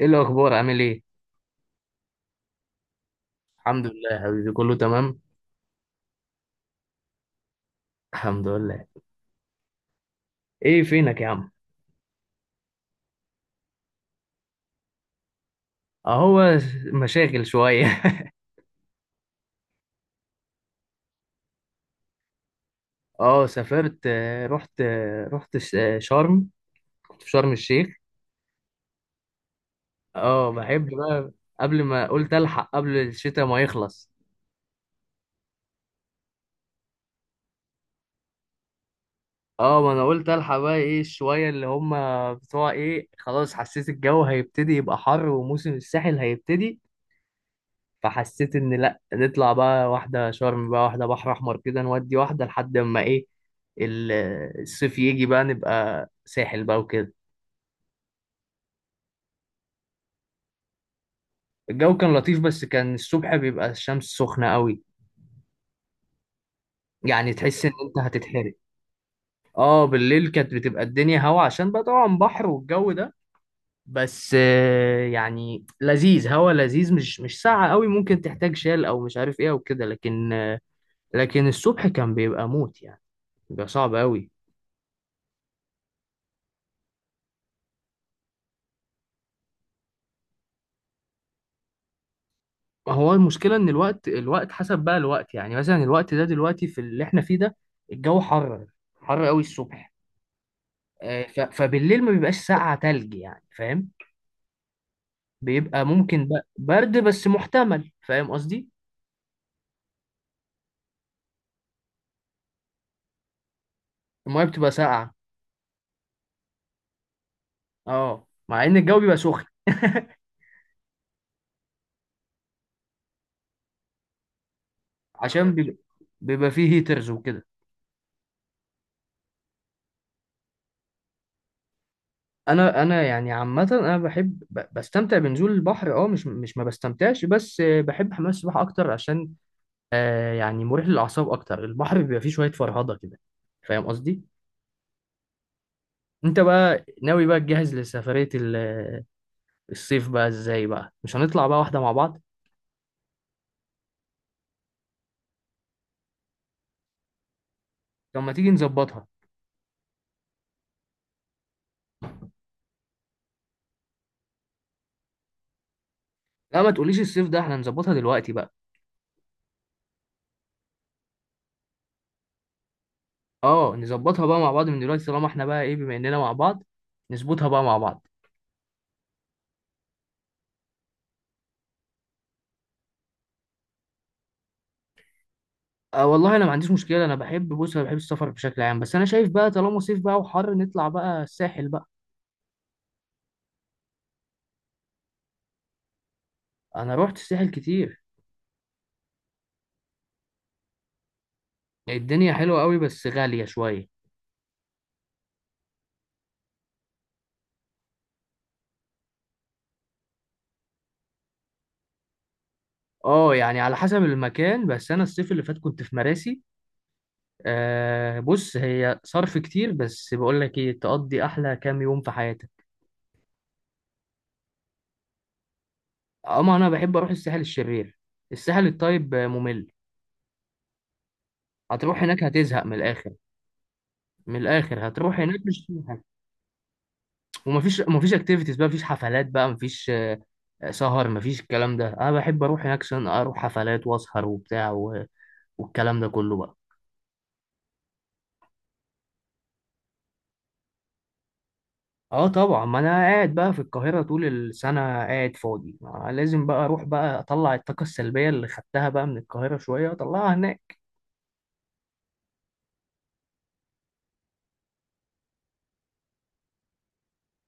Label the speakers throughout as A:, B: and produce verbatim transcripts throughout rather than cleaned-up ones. A: ايه الاخبار، عامل ايه؟ الحمد لله يا حبيبي، كله تمام. الحمد لله. ايه فينك يا عم؟ اهو. مشاغل شويه. اه، سافرت، آه، رحت آه، رحت ش- آه، شرم. كنت في شرم الشيخ. اه بحب بقى. قبل ما قلت الحق قبل الشتاء ما يخلص. اه، ما انا قلت الحق بقى، ايه شويه اللي هم بتوع ايه، خلاص حسيت الجو هيبتدي يبقى حر، وموسم الساحل هيبتدي. فحسيت ان لا نطلع بقى واحده شرم، بقى واحده بحر احمر كده، نودي واحده لحد ما ايه ال- الصيف يجي، بقى نبقى ساحل بقى وكده. الجو كان لطيف، بس كان الصبح بيبقى الشمس سخنه قوي، يعني تحس ان انت هتتحرق. اه، بالليل كانت بتبقى الدنيا هوا، عشان بقى طبعا بحر والجو ده. بس آه، يعني لذيذ، هوا لذيذ، مش مش ساقعه قوي، ممكن تحتاج شال او مش عارف ايه او كده، لكن لكن الصبح كان بيبقى موت يعني، بيبقى صعب قوي. هو المشكلة إن الوقت الوقت حسب بقى الوقت، يعني مثلا الوقت ده دلوقتي في اللي إحنا فيه ده الجو حر، حر قوي الصبح. آه، ف- فبالليل ما بيبقاش ساقعة تلج، يعني فاهم. بيبقى ممكن بقى برد بس محتمل، فاهم قصدي. المية بتبقى ساقعة، اه مع إن الجو بيبقى سخن. عشان بيبقى, بيبقى فيه هيترز وكده. أنا أنا يعني عامة أنا بحب ب- بستمتع بنزول البحر، اه مش مش ما بستمتعش، بس آه، بحب حمام السباحة أكتر، عشان آه يعني مريح للأعصاب أكتر، البحر بيبقى فيه شوية فرهضة كده. فاهم قصدي؟ أنت بقى ناوي بقى تجهز لسفرية ال- الصيف بقى إزاي بقى؟ مش هنطلع بقى واحدة مع بعض؟ طب ما تيجي نظبطها. لا، ما تقوليش الصيف ده، احنا نظبطها دلوقتي بقى. اه، نظبطها بقى مع بعض من دلوقتي طالما احنا بقى ايه بما اننا مع بعض، نظبطها بقى مع بعض. آه والله انا ما عنديش مشكلة، انا بحب، بص انا بحب السفر بشكل عام، بس انا شايف بقى طالما صيف بقى وحر، نطلع بقى الساحل بقى. انا روحت الساحل كتير. الدنيا حلوة قوي بس غالية شوية. اه يعني على حسب المكان، بس انا الصيف اللي فات كنت في مراسي. آه بص هي صرف كتير بس بقول لك ايه، تقضي احلى كام يوم في حياتك. اما انا بحب اروح الساحل الشرير. الساحل الطيب آه، ممل. هتروح هناك هتزهق من الاخر. من الاخر هتروح هناك مش هتعمل حاجة. ومفيش مفيش اكتيفيتيز بقى، مفيش حفلات بقى، مفيش آه، آه، سهر، مفيش الكلام ده. انا بحب اروح هناك عشان اروح حفلات واسهر وبتاع و- والكلام ده كله بقى. اه طبعا، ما انا قاعد بقى في القاهرة طول السنة قاعد فاضي، ما لازم بقى اروح بقى اطلع الطاقة السلبية اللي خدتها بقى من القاهرة شوية اطلعها هناك.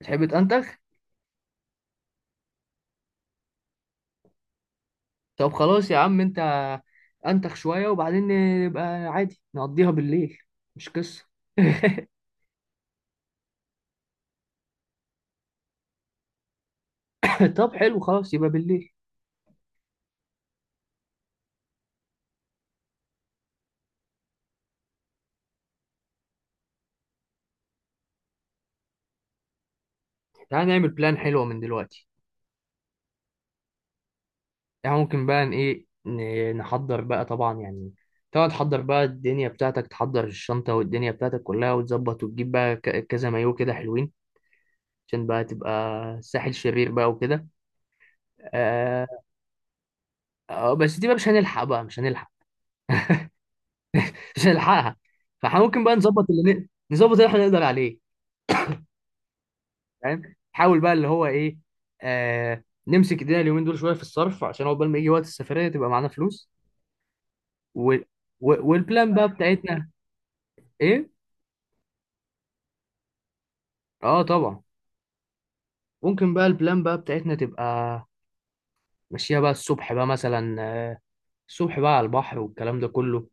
A: تحب تنتخ؟ طب خلاص يا عم انت، انتخ شوية وبعدين نبقى عادي نقضيها بالليل، مش قصة. طب حلو خلاص يبقى بالليل. تعالى نعمل بلان حلوة من دلوقتي. يعني ممكن بقى ن- ايه ن- نحضر بقى، طبعا يعني، طبعا تحضر بقى الدنيا بتاعتك، تحضر الشنطة والدنيا بتاعتك كلها وتظبط، وتجيب بقى ك- كذا مايو كده حلوين، عشان بقى تبقى ساحل شرير بقى وكده. آه. آه، بس دي بقى مش هنلحق بقى، مش هنلحق. مش هنلحقها. فاحنا ممكن بقى نظبط اللي ن- نظبط اللي احنا نقدر عليه. فاهم، نحاول بقى اللي هو ايه. آه نمسك ايدينا اليومين دول شويه في الصرف، عشان عقبال ما يجي وقت السفريه تبقى معانا فلوس، و... و... والبلان بقى بتاعتنا. ايه؟ اه طبعا، ممكن بقى البلان بقى بتاعتنا تبقى ماشيه بقى الصبح بقى مثلا، آه، الصبح بقى على البحر والكلام ده كله،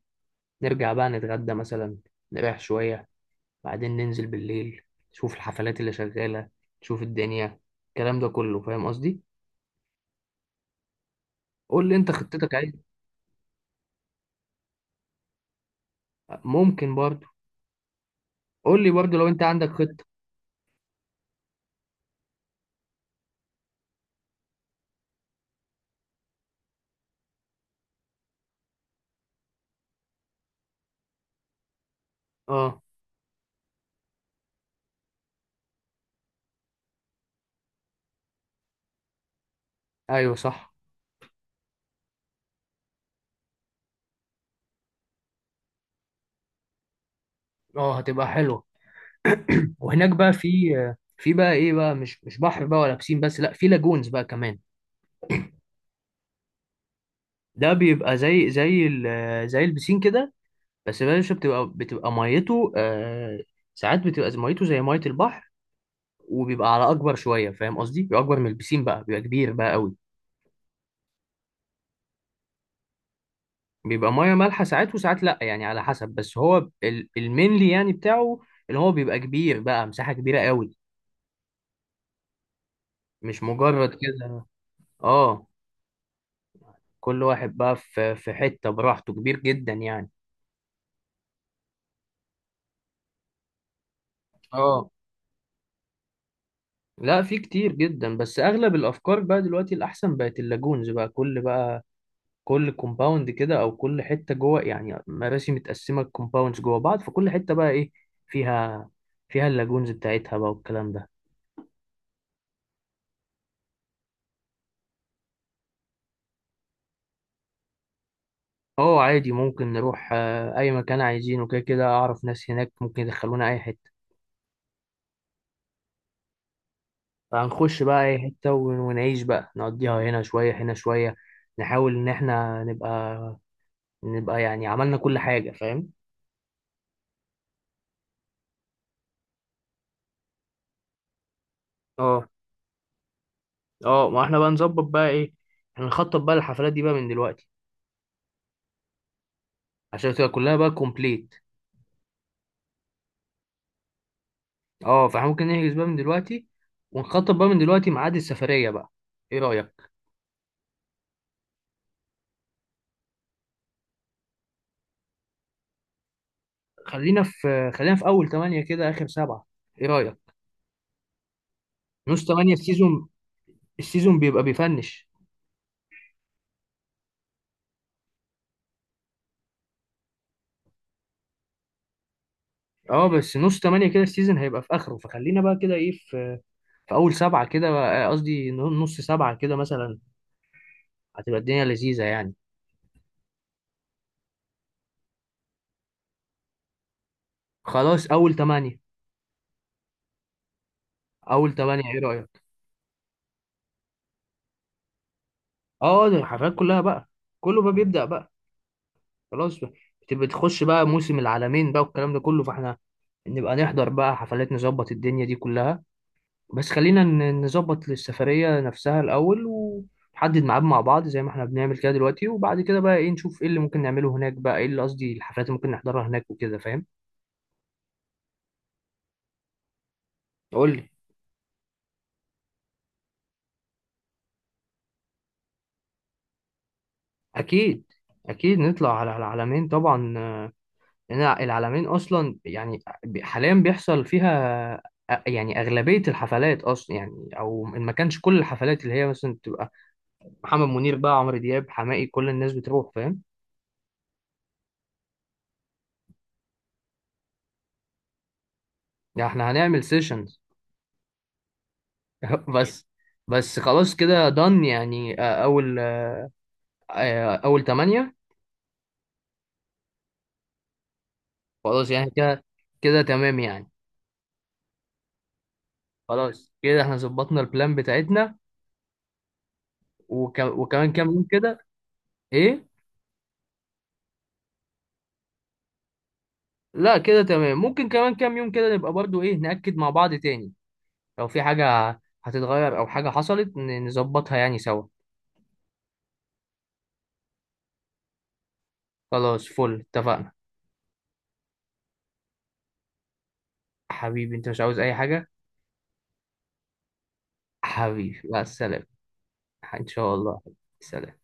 A: نرجع بقى نتغدى مثلا، نريح شويه، بعدين ننزل بالليل، نشوف الحفلات اللي شغالة، نشوف الدنيا، الكلام ده كله فاهم قصدي. قول لي انت خطتك عايز. ممكن برضو. قول لي برضو لو انت عندك خطة. اه ايوه صح. اه هتبقى حلوة. وهناك بقى في في بقى ايه بقى، مش مش بحر بقى ولا بسين، بس لا في لاجونز بقى كمان. ده بيبقى زي زي ال- زي البسين كده، بس يا باشا بتبقى بتبقى ميته. آه ساعات بتبقى ميته زي ميه البحر، وبيبقى على اكبر شويه، فاهم قصدي، بيبقى اكبر من البسين بقى، بيبقى كبير بقى قوي. بيبقى ميه مالحه ساعات، وساعات لا، يعني على حسب. بس هو ال- المينلي يعني بتاعه، اللي هو بيبقى كبير بقى مساحه كبيره قوي، مش مجرد كده. اه كل واحد بقى في في حته براحته، كبير جدا يعني. اه لا في كتير جدا، بس اغلب الافكار بقى دلوقتي الاحسن بقت اللاجونز بقى، كل بقى كل كومباوند كده او كل حته جوه، يعني مراسي متقسمه كومباوندز جوه بعض، فكل حته بقى ايه فيها فيها اللاجونز بتاعتها بقى والكلام ده. اه عادي، ممكن نروح آه، اي مكان عايزينه كده، كده اعرف ناس هناك ممكن يدخلونا اي حته. فهنخش بقى اي حته ون- ونعيش بقى، نقضيها هنا شويه هنا شويه، نحاول ان احنا نبقى نبقى يعني عملنا كل حاجه، فاهم. اه اه، ما احنا بقى نظبط بقى ايه، احنا نخطط بقى الحفلات دي بقى من دلوقتي عشان تبقى كلها بقى كومبليت. اه فاحنا ممكن نحجز بقى من دلوقتي، ونخطط بقى من دلوقتي ميعاد السفريه بقى. ايه رايك؟ خلينا في خلينا في اول ثمانية كده اخر سبعة. ايه رايك، نص تمانية في سيزون؟ السيزون بيبقى بيفنش. اه بس نص تمانية كده السيزون هيبقى في اخره، فخلينا بقى كده ايه في, في اول سبعة كده، آه، قصدي نص سبعة كده مثلا، هتبقى الدنيا لذيذة يعني. خلاص اول تمانية. اول تمانية ايه رأيك؟ اه ده الحفلات كلها بقى، كله بقى بيبدأ بقى، خلاص بقى، بتبقى تخش بقى موسم العالمين بقى والكلام ده كله، فاحنا نبقى نحضر بقى حفلات، نظبط الدنيا دي كلها. بس خلينا ن- نظبط للسفرية نفسها الأول، ونحدد ميعاد مع بعض زي ما احنا بنعمل كده دلوقتي، وبعد كده بقى ايه نشوف ايه اللي ممكن نعمله هناك، بقى ايه اللي قصدي الحفلات اللي ممكن نحضرها هناك وكده فاهم. قول لي. أكيد، أكيد نطلع على العلمين طبعا. آه، لأن العلمين أصلا يعني بي- حاليا بيحصل فيها آه، يعني أغلبية الحفلات، أصلا يعني أو إن ما كانش كل الحفلات اللي هي مثلا تبقى محمد منير بقى، عمرو دياب، حماقي، كل الناس بتروح فاهم. يعني احنا هنعمل سيشن. بس بس خلاص كده دن يعني، آه، اول آه، اول تمانية. خلاص يعني كده، كده تمام يعني. خلاص كده احنا ظبطنا البلان بتاعتنا، وك... وكمان كام يوم كده. ايه؟ لا كده تمام، ممكن كمان كام يوم كده نبقى برضو ايه نأكد مع بعض تاني لو في حاجة هتتغير او حاجة حصلت ن- نظبطها يعني سوا. خلاص فل اتفقنا. حبيبي انت مش عاوز اي حاجة. حبيبي مع السلامة. ان شاء الله. سلام.